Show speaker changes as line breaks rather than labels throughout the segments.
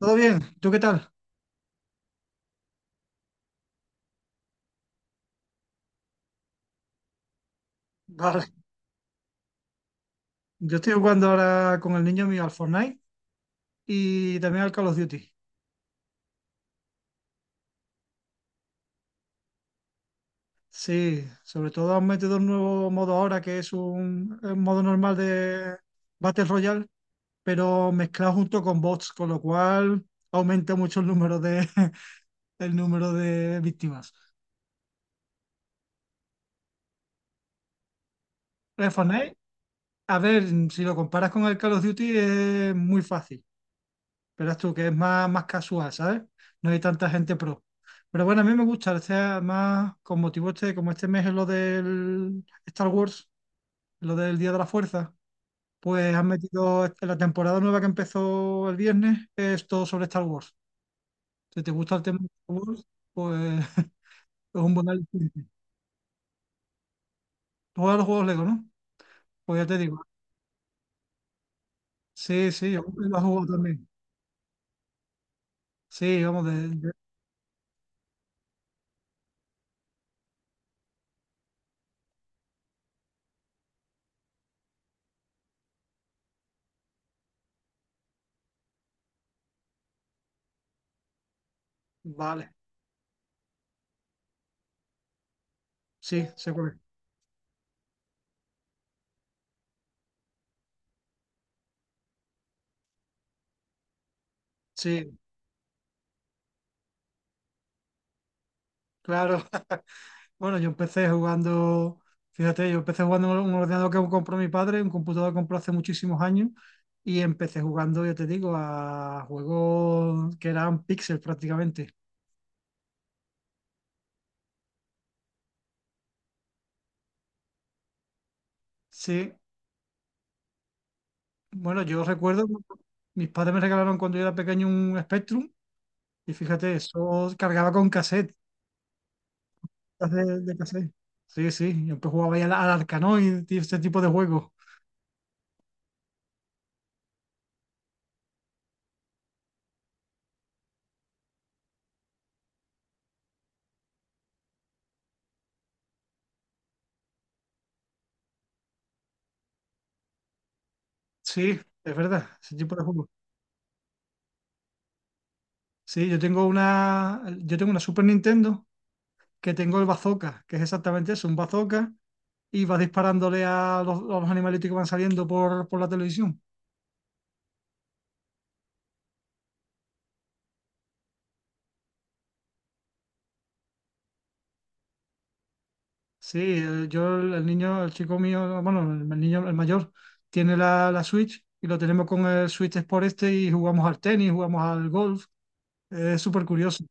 ¿Todo bien? ¿Tú qué tal? Vale. Yo estoy jugando ahora con el niño mío al Fortnite y también al Call of Duty. Sí, sobre todo han metido un nuevo modo ahora que es un modo normal de Battle Royale, pero mezclado junto con bots, con lo cual aumenta mucho el número de, el número de víctimas. El Fortnite, a ver, si lo comparas con el Call of Duty es muy fácil. Verás tú que es más casual, ¿sabes? No hay tanta gente pro. Pero bueno, a mí me gusta, este más con motivo este, como este mes es lo del Star Wars, lo del Día de la Fuerza, pues han metido la temporada nueva que empezó el viernes, es todo sobre Star Wars. Si te gusta el tema de Star Wars, pues es un buen aliciente. Tú los juegos Lego, ¿no? Pues ya te digo. Sí, sí, yo lo he jugado también. Sí, vamos, Vale, sí, se puede. Sí, claro. Bueno, yo empecé jugando, fíjate, yo empecé jugando en un ordenador que compró mi padre, un computador que compró hace muchísimos años, y empecé jugando, ya te digo, a juegos que eran píxeles prácticamente. Sí, bueno, yo recuerdo, mis padres me regalaron cuando yo era pequeño un Spectrum, y fíjate, eso cargaba con cassette, de cassette. Sí, sí, yo empecé jugaba ahí al Arkanoid y este tipo de juegos. Sí, es verdad, ese tipo de juegos. Sí, yo tengo una Super Nintendo que tengo el bazooka, que es exactamente eso, un bazooka, y vas disparándole a a los animalitos que van saliendo por la televisión. Sí, yo, el niño, el chico mío, bueno, el niño, el mayor, tiene la Switch y lo tenemos con el Switch Sport este y jugamos al tenis, jugamos al golf. Es súper curioso.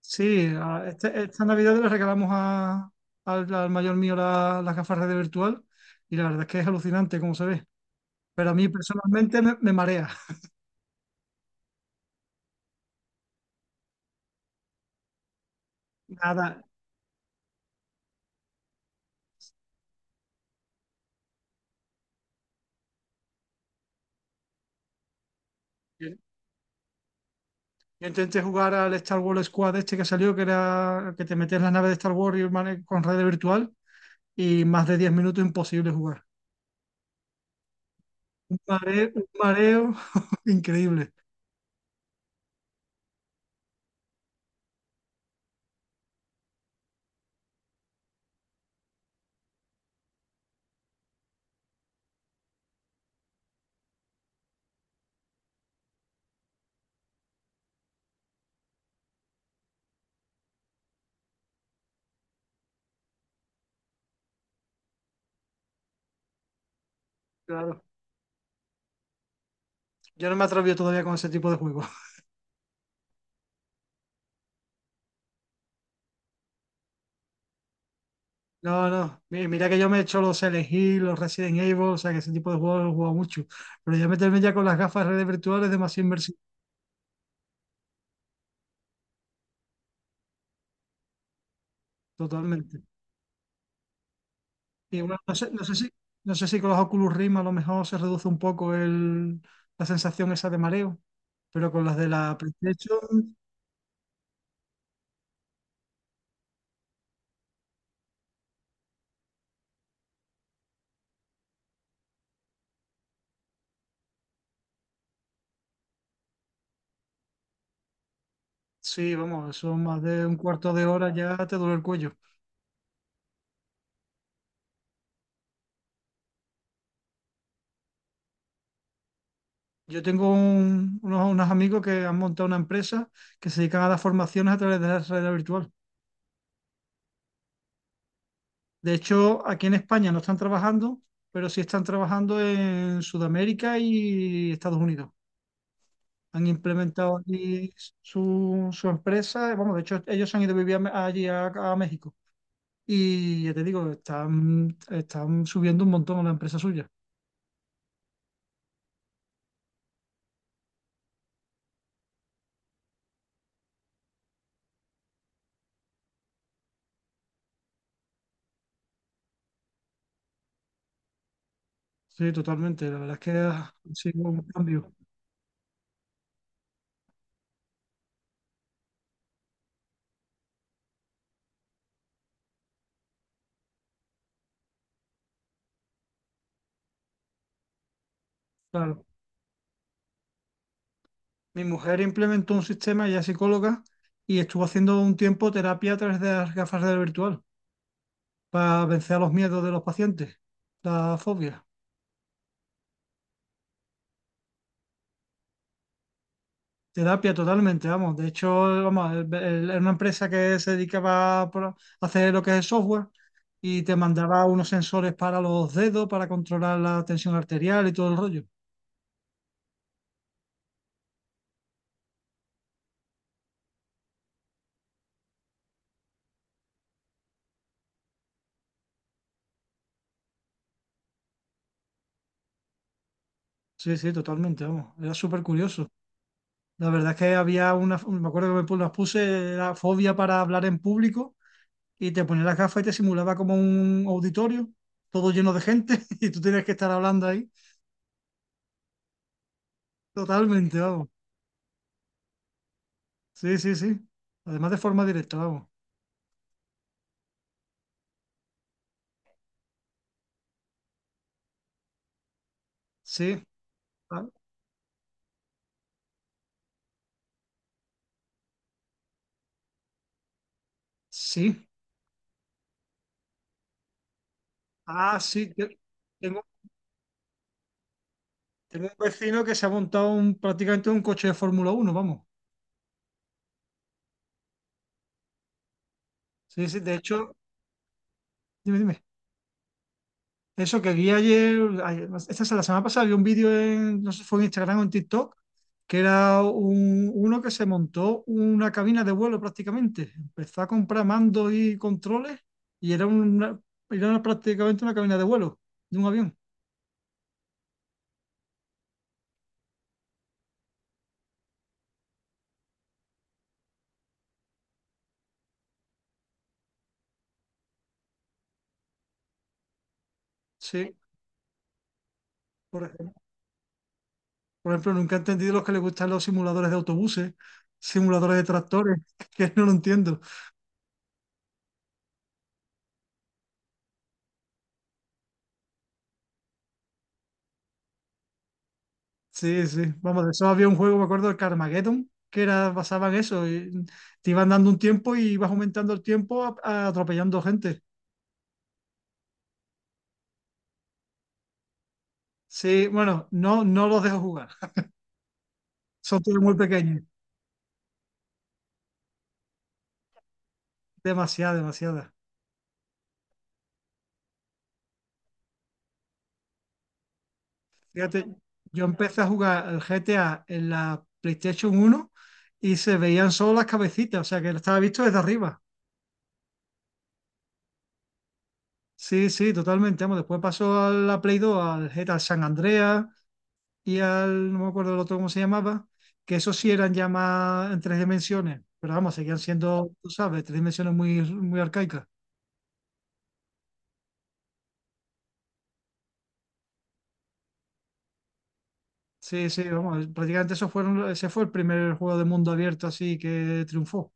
Sí, esta Navidad le regalamos al mayor mío las gafas de virtual y la verdad es que es alucinante cómo se ve. Pero a mí personalmente me marea. Nada. Yo intenté jugar al Star Wars Squad este que salió, que era que te metías en la nave de Star Wars y con red virtual, y más de 10 minutos imposible jugar. Un mareo increíble. Claro. Yo no me atrevo todavía con ese tipo de juegos. No, no. Mira que yo me he hecho los Silent Hill, los Resident Evil, o sea que ese tipo de juegos los he jugado mucho. Pero ya meterme ya con las gafas de redes virtuales es demasiado inversivo. Totalmente. Y bueno, no sé, no sé si con los Oculus Rim a lo mejor se reduce un poco el, la sensación esa de mareo. Pero con las de la PlayStation, sí, vamos, son más de un cuarto de hora ya te duele el cuello. Yo tengo unos amigos que han montado una empresa que se dedican a las formaciones a través de la realidad virtual. De hecho, aquí en España no están trabajando, pero sí están trabajando en Sudamérica y Estados Unidos. Han implementado allí su empresa. Vamos, de hecho, ellos se han ido a vivir allí a México. Y ya te digo, están subiendo un montón la empresa suya. Sí, totalmente. La verdad es que ha sido un cambio. Claro. Mi mujer implementó un sistema, ella es psicóloga, y estuvo haciendo un tiempo terapia a través de las gafas de realidad virtual para vencer los miedos de los pacientes, la fobia. Terapia totalmente, vamos. De hecho, vamos, era una empresa que se dedicaba a hacer lo que es el software y te mandaba unos sensores para los dedos para controlar la tensión arterial y todo el rollo. Sí, sí, totalmente, vamos. Era súper curioso. La verdad es que había una, me acuerdo que las puse la fobia para hablar en público y te ponía las gafas y te simulaba como un auditorio, todo lleno de gente y tú tenías que estar hablando ahí. Totalmente, vamos. Sí, sí, sí. Además de forma directa, vamos. Sí, ah, sí. Ah, sí. Tengo, tengo un vecino que se ha montado un, prácticamente un coche de Fórmula 1 vamos. Sí, sí. De hecho, dime, dime. Eso que vi ayer, esta es la semana pasada, vi un vídeo en, no sé si fue en Instagram o en TikTok, que era uno que se montó una cabina de vuelo prácticamente. Empezó a comprar mandos y controles y prácticamente una cabina de vuelo de un avión. Sí, por, ej- por ejemplo, nunca he entendido los que les gustan los simuladores de autobuses, simuladores de tractores, que no lo entiendo. Sí, sí, vamos, de eso había un juego, me acuerdo, el Carmageddon, que era, basaba en eso, y te iban dando un tiempo y ibas aumentando el tiempo atropellando gente. Sí, bueno, no, no los dejo jugar, son todos muy pequeños, demasiada, demasiada. Fíjate, yo empecé a jugar el GTA en la PlayStation 1 y se veían solo las cabecitas, o sea que lo estaba visto desde arriba. Sí, sí, totalmente, vamos, después pasó a la Play 2, al GTA San Andreas. Y no me acuerdo el otro cómo se llamaba, que esos sí eran ya más en tres dimensiones, pero vamos, seguían siendo, tú sabes, tres dimensiones muy, muy arcaicas. Sí, sí, vamos, prácticamente ese fue el primer juego de mundo abierto así que triunfó.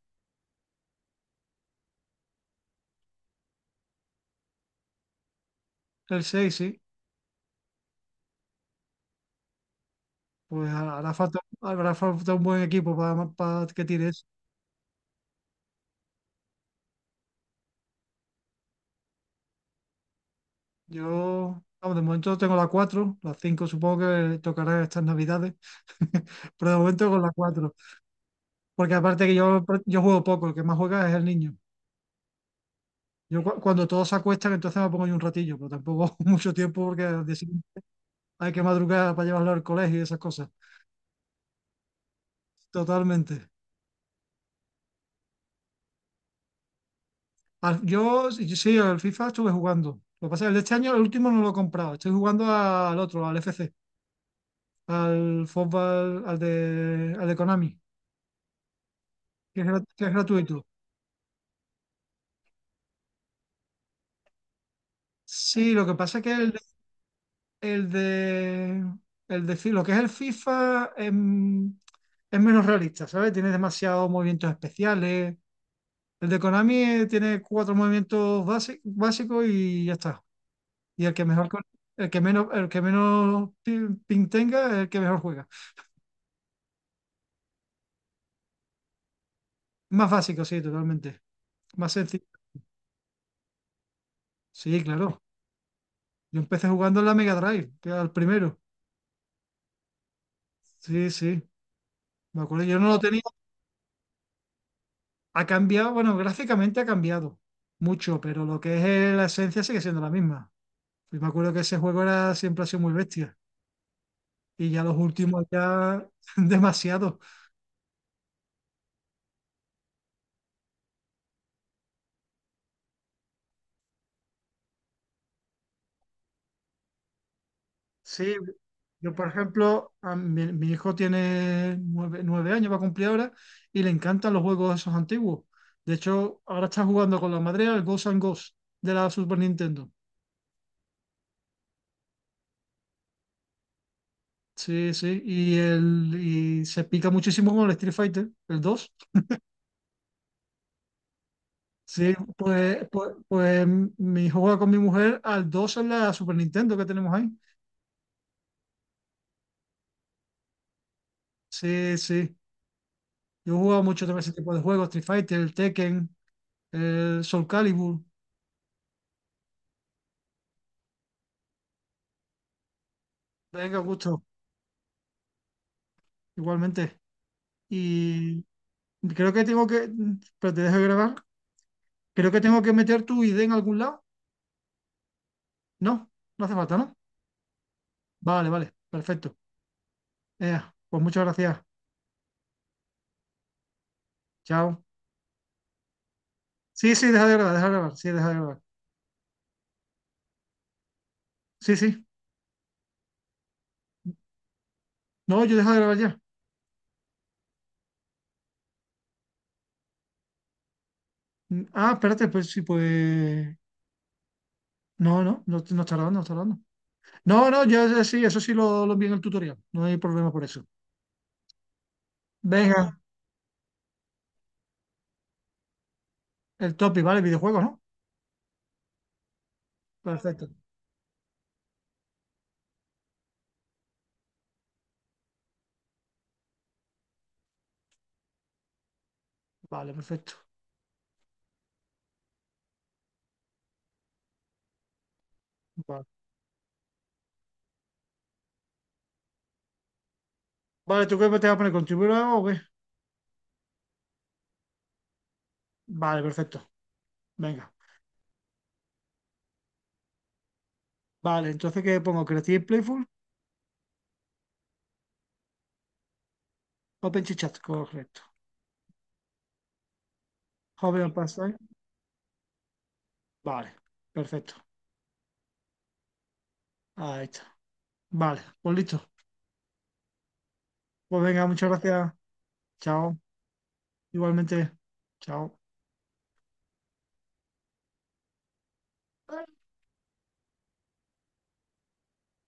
El 6 sí, pues hará falta, habrá falta un buen equipo para, que tire eso. Yo, vamos, de momento tengo la 4 la 5 supongo que tocará estas navidades, pero de momento con la 4 porque aparte que yo juego poco, el que más juega es el niño. Yo cuando todos se acuestan, entonces me pongo yo un ratillo, pero tampoco mucho tiempo porque al día siguiente hay que madrugar para llevarlo al colegio y esas cosas. Totalmente. Yo, sí, yo sí, al FIFA estuve jugando. Lo que pasa es que el de este año, el último no lo he comprado. Estoy jugando al otro, al FC, al fútbol, al de Konami, que es, que es gratuito. Sí, lo que pasa es que el de, lo que es el FIFA es menos realista, ¿sabes? Tiene demasiados movimientos especiales. El de Konami tiene cuatro movimientos básicos y ya está. Y el que mejor, el que menos pin tenga, es el que mejor juega. Más básico, sí, totalmente. Más sencillo. Sí, claro. Yo empecé jugando en la Mega Drive, que era el primero. Sí, sí. Me acuerdo. Yo no lo tenía. Ha cambiado, bueno, gráficamente ha cambiado mucho, pero lo que es la esencia sigue siendo la misma. Y me acuerdo que ese juego era, siempre ha sido muy bestia. Y ya los últimos ya demasiado. Sí, yo por ejemplo, a mi hijo tiene 9 años, va a cumplir ahora, y le encantan los juegos esos antiguos. De hecho, ahora está jugando con la madre al Ghost and Ghost de la Super Nintendo. Sí, sí, y se pica muchísimo con el Street Fighter, el 2. Sí, pues mi hijo juega con mi mujer al 2 en la Super Nintendo que tenemos ahí. Sí, sí. Yo he jugado mucho también ese tipo de juegos, Street Fighter, el Tekken, el Soul Calibur. Venga, gusto, igualmente. Y creo que tengo que... Pero te dejo grabar. Creo que tengo que meter tu ID en algún lado. No, no hace falta, ¿no? Vale, vale, perfecto. Ea, pues muchas gracias. Chao. Sí, sí, deja de grabar, deja de grabar. Sí, deja de grabar. Sí, sí. No, yo dejo de grabar ya. Mm, ah, espérate, pues sí, pues... No, no, no, no está grabando, no está grabando. No, no, yo sí, eso sí lo envié en el tutorial. No hay problema por eso. Venga, el topic, ¿vale? Videojuegos, ¿no? Perfecto. Vale, perfecto. Vale, Vale, ¿tú qué te vas a poner? ¿Contribuir o qué? Vale, perfecto. Venga. Vale, entonces ¿qué pongo? Creative Playful, OpenChat, correcto. Joven Sí. OpenStack, vale, perfecto. Ahí está. Vale, pues listo. Pues venga, muchas gracias. Chao. Igualmente. Chao.